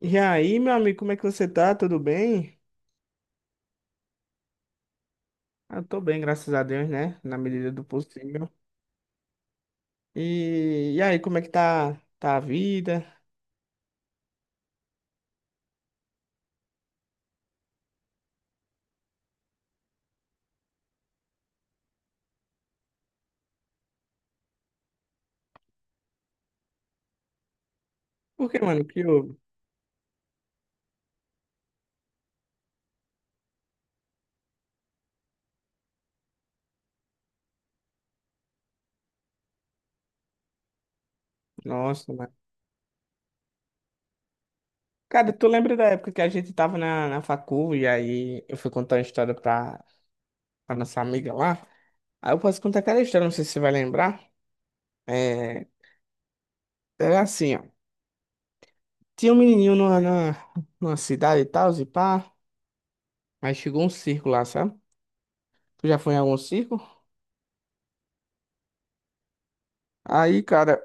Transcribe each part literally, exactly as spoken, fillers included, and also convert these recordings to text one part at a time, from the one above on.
E aí, meu amigo, como é que você tá? Tudo bem? Ah, Eu tô bem, graças a Deus, né? Na medida do possível. E, e aí, como é que tá, tá a vida? Por que, mano? Que houve? Nossa, mano. Cara, tu lembra da época que a gente tava na, na facu e aí eu fui contar uma história pra, pra nossa amiga lá? Aí eu posso contar aquela história, não sei se você vai lembrar. É, era assim, ó. Tinha um menininho numa, numa, numa cidade e tal, e pá. Aí chegou um circo lá, sabe? Tu já foi em algum circo? Aí, cara.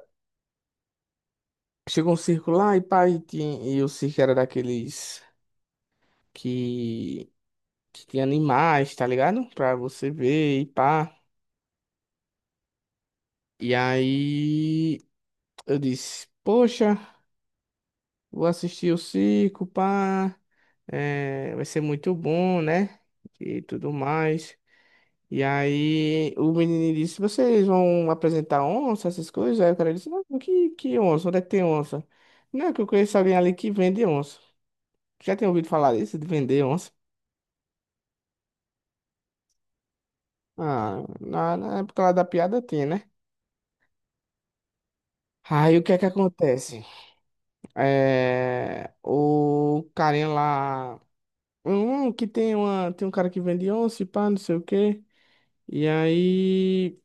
Chegou um circo lá e pá, e, tinha- e o circo era daqueles que, que tinha animais, tá ligado? Pra você ver e pá. E aí eu disse, poxa, vou assistir o circo, pá, é, vai ser muito bom, né? E tudo mais. E aí o menino disse, vocês vão apresentar onça, essas coisas? Aí o cara disse, não, que, que onça? Onde é que tem onça? Não, que eu conheço alguém ali que vende onça. Já tem ouvido falar disso, de vender onça? Ah, na, na época lá da piada tinha, né? Aí o que é que acontece? É, o carinha lá. Hum, que tem uma. Tem um cara que vende onça, e pá, não sei o quê. E aí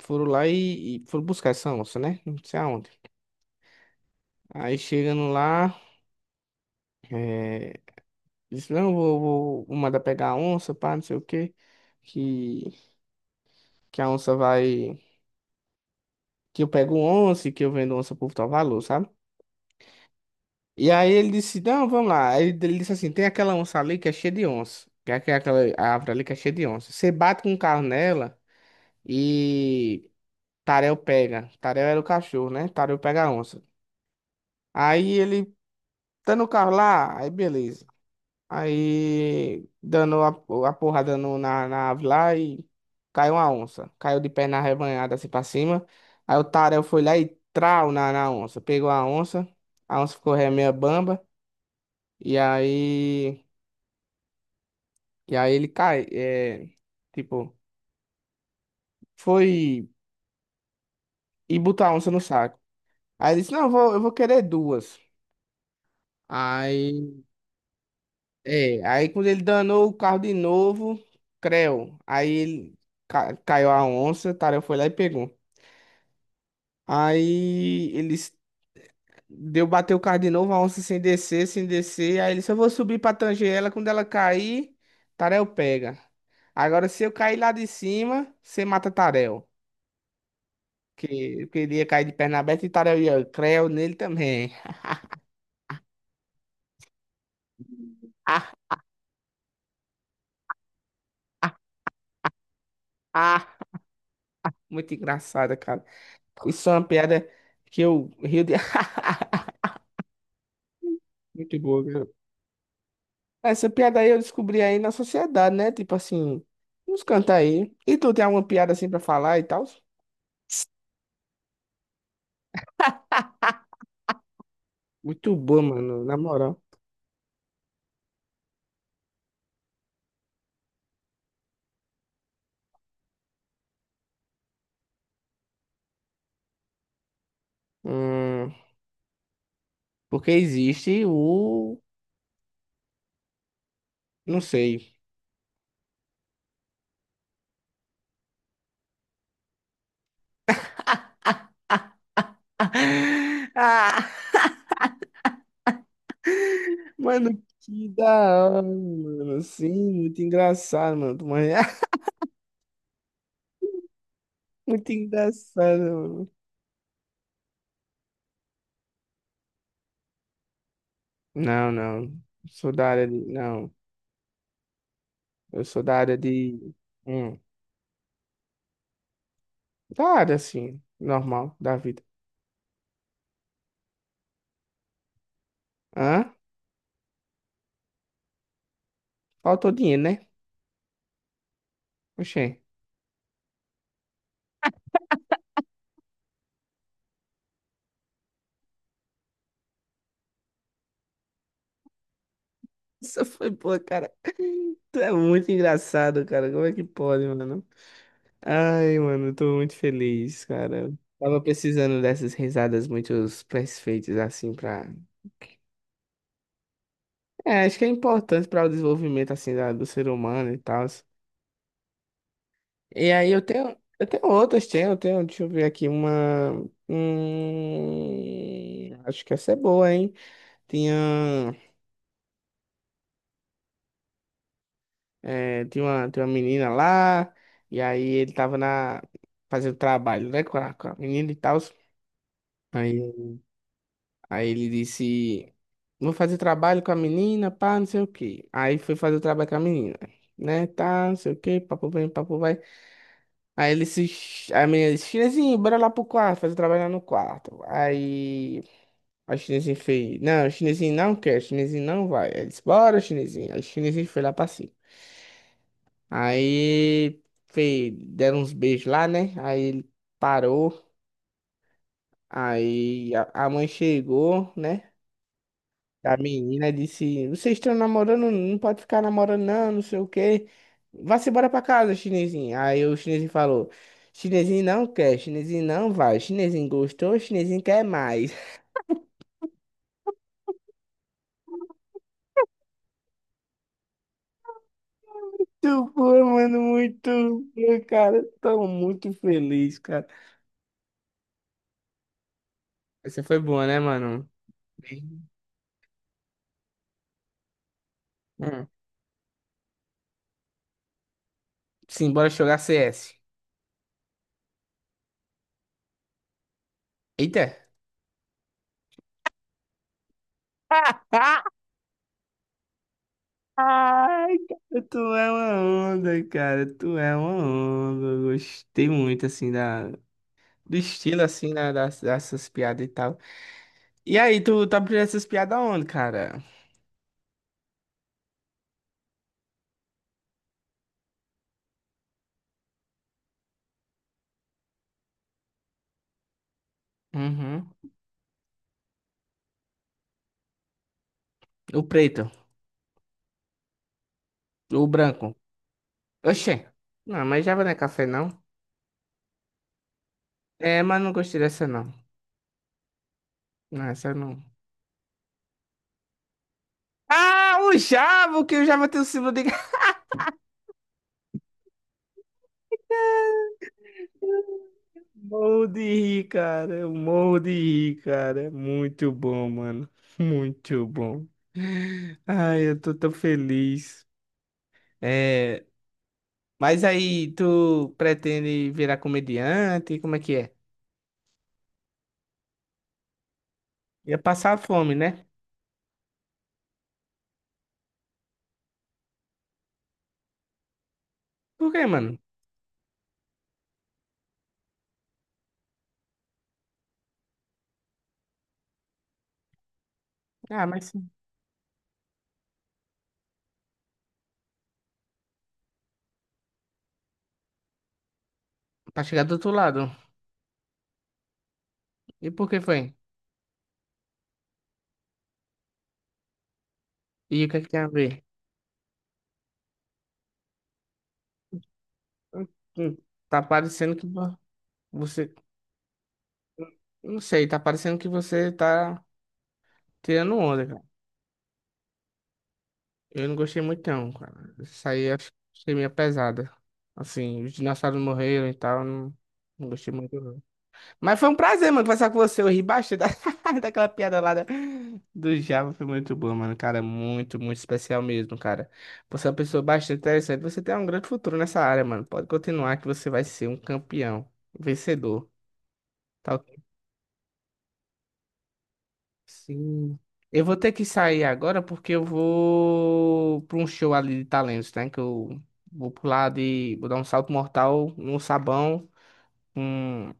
foram lá e, e foram buscar essa onça, né? Não sei aonde. Aí chegando lá, é, disse, não, vou, vou, vou mandar pegar a onça, pá, não sei o quê. Que, que a onça vai. Que eu pego onça e que eu vendo onça por tal valor, sabe? E aí ele disse, não, vamos lá. Aí ele disse assim, tem aquela onça ali que é cheia de onça. Que é que é aquela árvore ali que é cheia de onça. Você bate com o carro nela e Tarel pega. Tarel era o cachorro, né? Tarel pega a onça. Aí ele tá no carro lá, aí beleza. Aí dando a, a porrada no, na, na árvore lá e caiu uma onça. Caiu de perna arrebanhada assim pra cima. Aí o Tarel foi lá e trau na, na onça. Pegou a onça, a onça ficou ré meia bamba. E aí. E aí ele cai, é, tipo, foi e botou a onça no saco. Aí ele disse, não, eu vou, eu vou querer duas. Aí, é, aí quando ele danou o carro de novo, creu. Aí ele ca- caiu a onça, o Tarel foi lá e pegou. Aí eles deu bater o carro de novo, a onça sem descer, sem descer. Aí ele disse, eu vou subir pra tanger ela, quando ela cair, Tarel pega. Agora se eu cair lá de cima, você mata Tarel. Que que ele ia cair de perna aberta e Tarel ia creu nele também. Ah, ah, muito engraçada, cara. Isso é uma piada que eu rio de. Muito boa, cara. Essa piada aí eu descobri aí na sociedade, né? Tipo assim, uns cantar aí. E tu tem alguma piada assim pra falar e tal? Muito boa, mano, na moral. Hum, porque existe o. Não sei. Ah, mano, que da hora, mano. Sim, muito engraçado, mano. Tu manja- Muito engraçado, mano. Não, não. Sou da área de. Não. Eu sou da área de. Hum, da área, assim, normal da vida. Hã? Faltou dinheiro, né? Oxê. Isso foi boa, cara. Tu é muito engraçado, cara. Como é que pode, mano? Ai, mano, eu tô muito feliz, cara. Tava precisando dessas risadas muito perfeitas, assim, pra. É, acho que é importante para o desenvolvimento, assim, da- do ser humano e tal. E aí eu tenho, eu tenho outras, tenho, eu tenho, deixa eu ver aqui uma. Hum, acho que essa é boa, hein? Tinha, é, tinha uma, tinha uma menina lá, e aí ele tava na, fazendo trabalho, né, com a, com a menina e tal. Aí, aí ele disse, vou fazer trabalho com a menina, pá, não sei o quê. Aí foi fazer o trabalho com a menina, né, tá, não sei o quê, papo vem, papo vai. Aí ele se. A menina disse, Chinesinho, bora lá pro quarto, fazer o trabalho lá no quarto. Aí Aí o chinesinho fez, não, o chinesinho não quer, o chinesinho não vai. Aí disse, bora, chinesinho. Aí o chinesinho foi lá pra cima. Aí fez, deram uns beijos lá, né? Aí ele parou. Aí a, a mãe chegou, né? A menina disse, vocês estão namorando, não pode ficar namorando não, não sei o quê. Vá-se embora pra casa, chinesinho. Aí o chinesinho falou, chinesinho não quer, chinesinho não vai. Chinesinho gostou, chinesinho quer mais. Muito boa, mano, muito boa, cara. Tô muito feliz, cara. Essa foi boa, né, mano? Bem- Hum. Sim, bora jogar C S. Eita! Ah, Ai, cara, tu é uma onda, cara. Tu é uma onda. Eu gostei muito, assim, da... do estilo, assim, né, das, dessas piadas e tal. E aí, tu tá aprendendo essas piadas onde, cara? Uhum. O preto, o branco. Oxê. Não, mas Java não é café, não. É, mas não gostei dessa, não. Não, essa não. Ah, o Jabo, que o Java tem o símbolo de... Morro de rir, cara. Eu morro de rir, cara. É muito bom, mano. Muito bom. Ai, eu tô tão feliz. É, mas aí, tu pretende virar comediante? Como é que é? Ia passar fome, né? Por quê, mano? Ah, mas sim. Pra chegar do outro lado. E por que foi? E o que é que tem a ver? Hum, hum, Tá parecendo que vo- você... Não sei, tá parecendo que você tá tirando onda. Eu não gostei muito não, cara. Isso aí acho que achei meio pesada. Assim, os dinossauros morreram e tal, não, não gostei muito não. Mas foi um prazer, mano, conversar com você. Eu ri bastante da- daquela piada lá da- do Java, foi muito boa, mano. Cara, muito, muito especial mesmo, cara. Você é uma pessoa bastante interessante. Você tem um grande futuro nessa área, mano. Pode continuar que você vai ser um campeão, vencedor. Tá ok? Sim. Eu vou ter que sair agora porque eu vou para um show ali de talentos, né? Que eu vou pular de. Vou dar um salto mortal no sabão com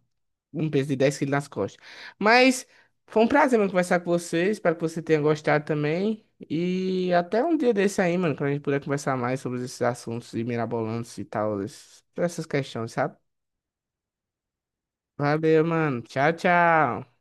um peso de dez quilos nas costas. Mas foi um prazer, mano, conversar com você. Espero que você tenha gostado também. E até um dia desse aí, mano, quando a gente puder conversar mais sobre esses assuntos de mirabolantes e tal, esses- essas questões, sabe? Valeu, mano. Tchau, tchau.